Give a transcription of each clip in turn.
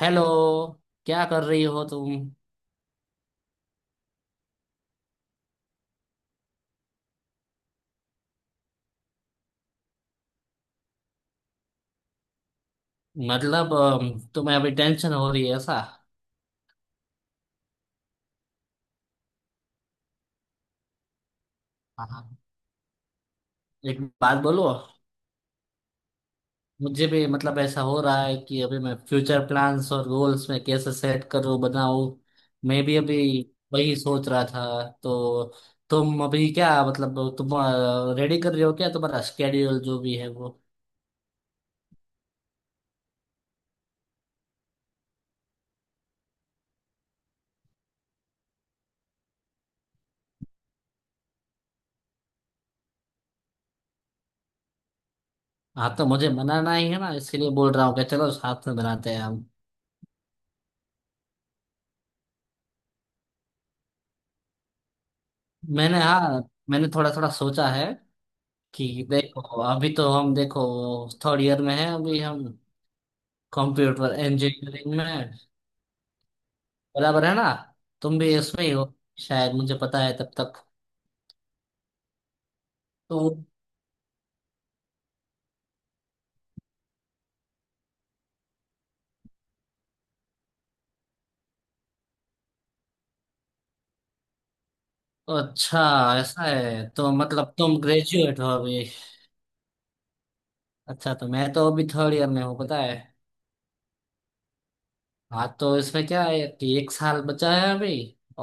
Hello. क्या कर रही हो तुम? मतलब तुम्हें अभी टेंशन हो रही है ऐसा? हाँ। एक बात बोलो। मुझे भी मतलब ऐसा हो रहा है कि अभी मैं फ्यूचर प्लान्स और गोल्स में कैसे सेट करूं बनाऊं। मैं भी अभी वही सोच रहा था। तो तुम अभी क्या, मतलब तुम रेडी कर रहे हो क्या? तुम्हारा स्केड्यूल जो भी है वो। हाँ, तो मुझे मनाना ही है ना, इसके लिए बोल रहा हूँ कि चलो साथ में बनाते हैं हम। मैंने, हाँ, मैंने थोड़ा थोड़ा सोचा है कि देखो, अभी तो हम, देखो, थर्ड ईयर में है अभी हम, कंप्यूटर इंजीनियरिंग में हैं। बराबर है ना? तुम भी इसमें ही हो शायद, मुझे पता है तब तक। तो अच्छा, ऐसा है तो मतलब तुम ग्रेजुएट हो अभी। अच्छा, तो मैं तो अभी थर्ड ईयर में हूँ पता है। हाँ, तो इसमें क्या है कि एक साल बचा है अभी।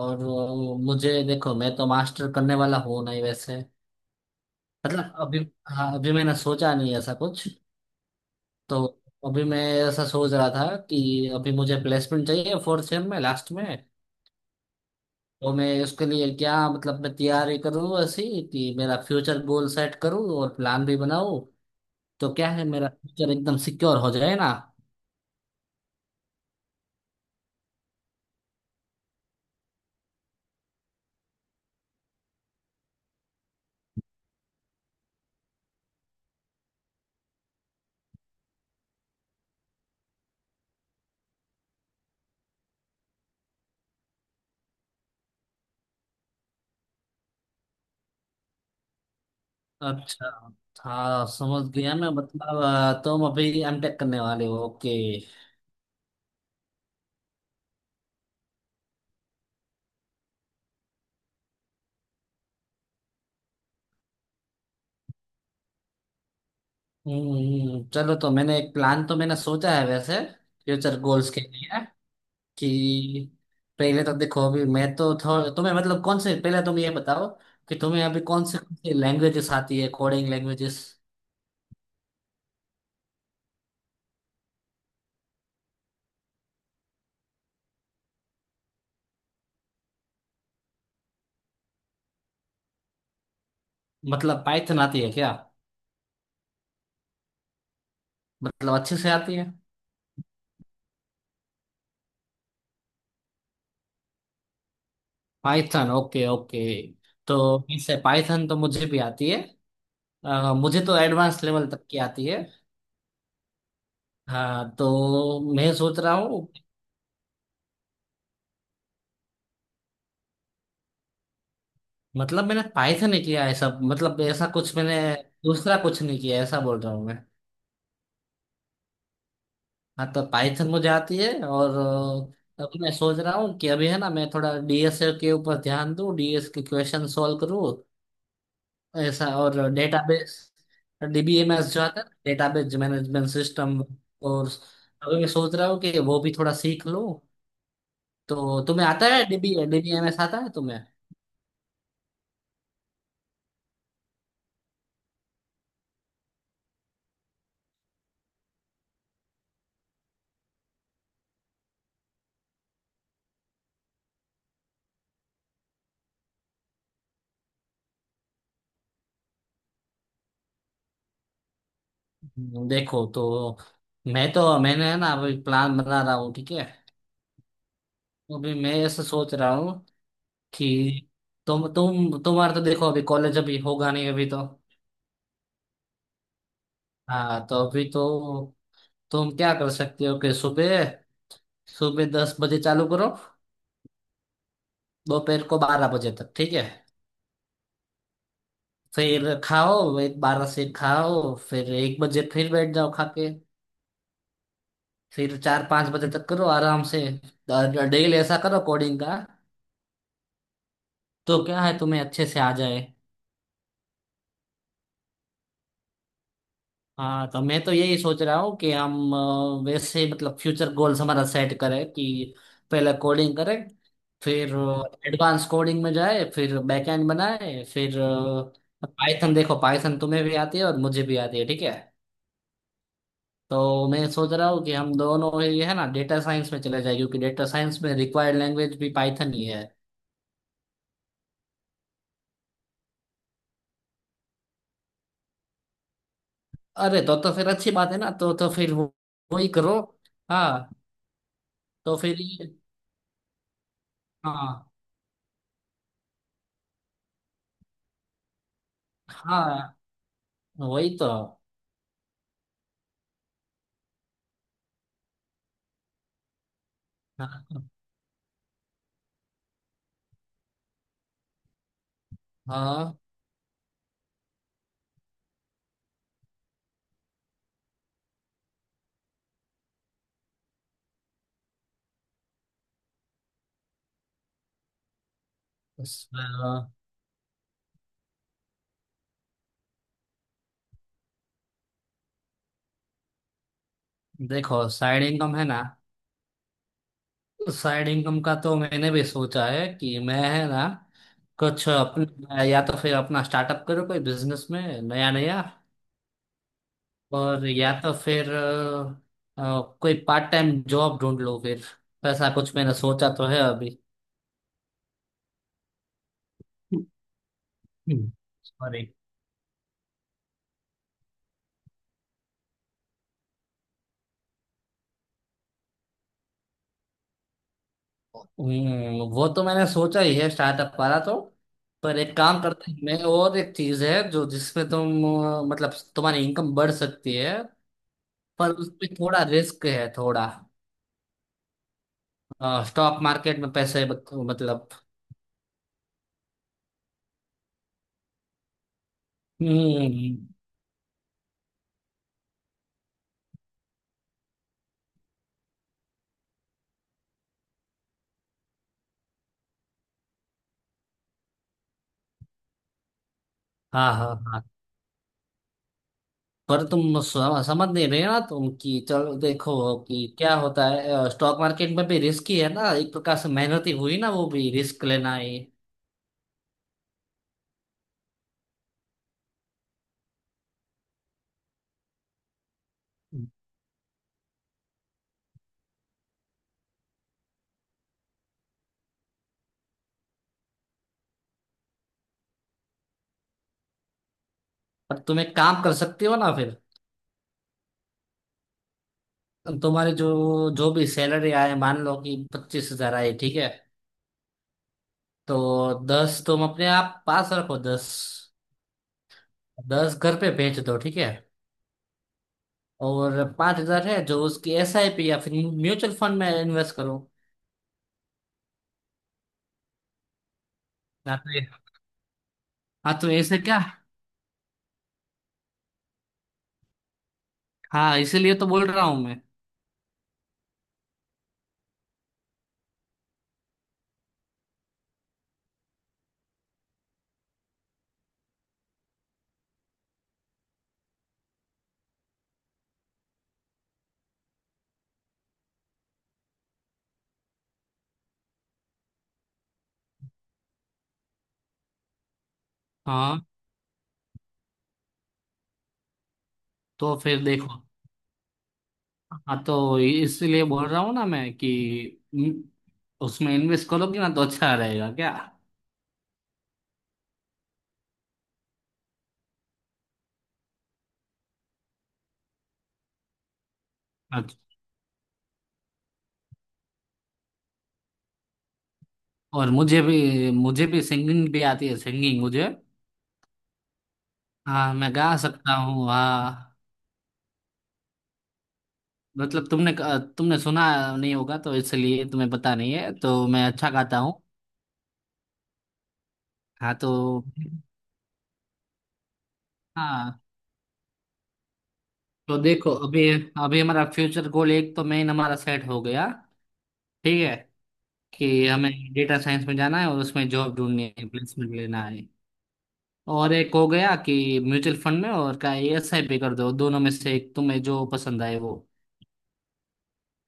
और मुझे देखो, मैं तो मास्टर करने वाला हूँ नहीं वैसे। मतलब अभी, हाँ, अभी मैंने सोचा नहीं ऐसा कुछ। तो अभी मैं ऐसा सोच रहा था कि अभी मुझे प्लेसमेंट चाहिए फोर्थ सेम में लास्ट में। तो मैं उसके लिए क्या, मतलब मैं तैयारी करूँ ऐसी कि मेरा फ्यूचर गोल सेट करूँ और प्लान भी बनाऊँ। तो क्या है, मेरा फ्यूचर एकदम सिक्योर हो जाए ना। अच्छा, हाँ, समझ गया मैं, मतलब तुम अभी एम टेक करने वाले हो, ओके। हम्म, चलो, तो मैंने एक प्लान, तो मैंने सोचा है वैसे फ्यूचर गोल्स के लिए कि पहले तो देखो, अभी मैं तो तुम्हें मतलब कौन से पहले, तुम ये बताओ कि तुम्हें अभी कौन से लैंग्वेजेस आती है, कोडिंग लैंग्वेजेस। मतलब पाइथन आती है क्या? मतलब अच्छे से आती है? Python, okay okay. तो इससे पाइथन तो मुझे भी आती है, मुझे तो एडवांस लेवल तक की आती है। हाँ तो मैं सोच रहा हूँ, मतलब मैंने पाइथन ही किया है सब, मतलब ऐसा कुछ मैंने दूसरा कुछ नहीं किया है, ऐसा बोल रहा हूँ मैं। हाँ तो पाइथन मुझे आती है। और अब मैं सोच रहा हूँ कि अभी है ना, मैं थोड़ा डीएस के ऊपर ध्यान दूँ, डीएस के क्वेश्चन सॉल्व करूँ, ऐसा, और डेटाबेस, डीबीएमएस जो आता है डेटाबेस मैनेजमेंट सिस्टम। और अभी मैं सोच रहा हूँ कि वो भी थोड़ा सीख लूँ। तो तुम्हें आता है डीबीएमएस आता है तुम्हें? देखो, तो मैं तो मैंने है ना अभी प्लान बना रहा हूँ, ठीक है। तो अभी मैं ऐसा सोच रहा हूँ कि तुम्हारा तो देखो, अभी कॉलेज अभी होगा नहीं अभी तो। हाँ तो अभी तो, तुम क्या कर सकते हो कि सुबह सुबह 10 बजे चालू करो। दोपहर को 12 बजे तक, ठीक है। फिर खाओ, एक, 12 से खाओ, फिर 1 बजे फिर बैठ जाओ खा के। फिर चार पाँच बजे तक करो आराम से। डेली ऐसा करो कोडिंग का। तो क्या है, तुम्हें अच्छे से आ जाए। हाँ तो मैं तो यही सोच रहा हूँ कि हम वैसे ही मतलब फ्यूचर गोल्स हमारा सेट करें कि पहले कोडिंग करें। फिर एडवांस कोडिंग में जाए, फिर बैकएंड बनाए, फिर पाइथन, देखो पाइथन तुम्हें भी आती है और मुझे भी आती है, ठीक है। तो मैं सोच रहा हूँ कि हम दोनों ये है ना डेटा साइंस में चले जाए, क्योंकि डेटा साइंस में रिक्वायर्ड लैंग्वेज भी पाइथन ही है। अरे तो फिर अच्छी बात है ना, तो फिर वो वही करो। हाँ, तो फिर हाँ हाँ, वही तो। हाँ हाँ। उस- अ, देखो, साइड इनकम है ना। साइड इनकम का तो मैंने भी सोचा है कि मैं है ना कुछ अपना, या तो फिर अपना स्टार्टअप करूँ, कोई बिजनेस में नया नया। और या तो फिर कोई पार्ट टाइम जॉब ढूंढ लो फिर। तो ऐसा कुछ मैंने सोचा तो है अभी। हम्म। सॉरी। वो तो मैंने सोचा ही है स्टार्टअप वाला तो। पर एक काम करते हैं, मैं, और एक चीज है जो जिसमें तुम मतलब तुम्हारी इनकम बढ़ सकती है। पर उसमें थोड़ा रिस्क है, थोड़ा। स्टॉक मार्केट में पैसे मतलब। हम्म, हाँ हाँ हाँ। पर तुम समझ नहीं रहे ना तुम, कि चलो देखो कि क्या होता है, स्टॉक मार्केट में भी रिस्क ही है ना, एक प्रकार से मेहनत ही हुई ना, वो भी रिस्क लेना ही। पर तुम एक काम कर सकती हो ना फिर। तुम्हारी जो जो भी सैलरी आए, मान लो कि 25,000 आई, ठीक है। तो 10 तुम अपने आप पास रखो, 10। 10 घर पे भेज दो, ठीक है। और 5,000 है जो उसकी एसआईपी या फिर म्यूचुअल फंड में इन्वेस्ट करो। या तो, हाँ। तो ऐसे क्या? हाँ इसीलिए तो बोल रहा हूँ मैं। हाँ तो फिर देखो। हाँ तो इसीलिए बोल रहा हूँ ना मैं कि हम्म, उसमें इन्वेस्ट करोगे ना तो अच्छा रहेगा क्या। अच्छा। और मुझे भी सिंगिंग भी आती है, सिंगिंग मुझे। हाँ, मैं गा सकता हूँ, हाँ। मतलब तुमने तुमने सुना नहीं होगा तो इसलिए तुम्हें पता नहीं है, तो मैं अच्छा गाता हूँ। हाँ तो हाँ तो देखो, अभी अभी हमारा फ्यूचर गोल एक तो मेन हमारा सेट हो गया। ठीक है कि हमें डेटा साइंस में जाना है और उसमें जॉब ढूंढनी है, प्लेसमेंट लेना है। और एक हो गया कि म्यूचुअल फंड में और का एसआईपी भी कर दो, दोनों में से एक तुम्हें जो पसंद आए वो।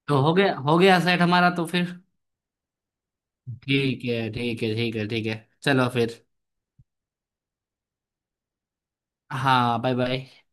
तो हो गया, हो गया सेट हमारा, तो फिर ठीक है, ठीक है, ठीक है, ठीक है। चलो फिर। हाँ, बाय बाय।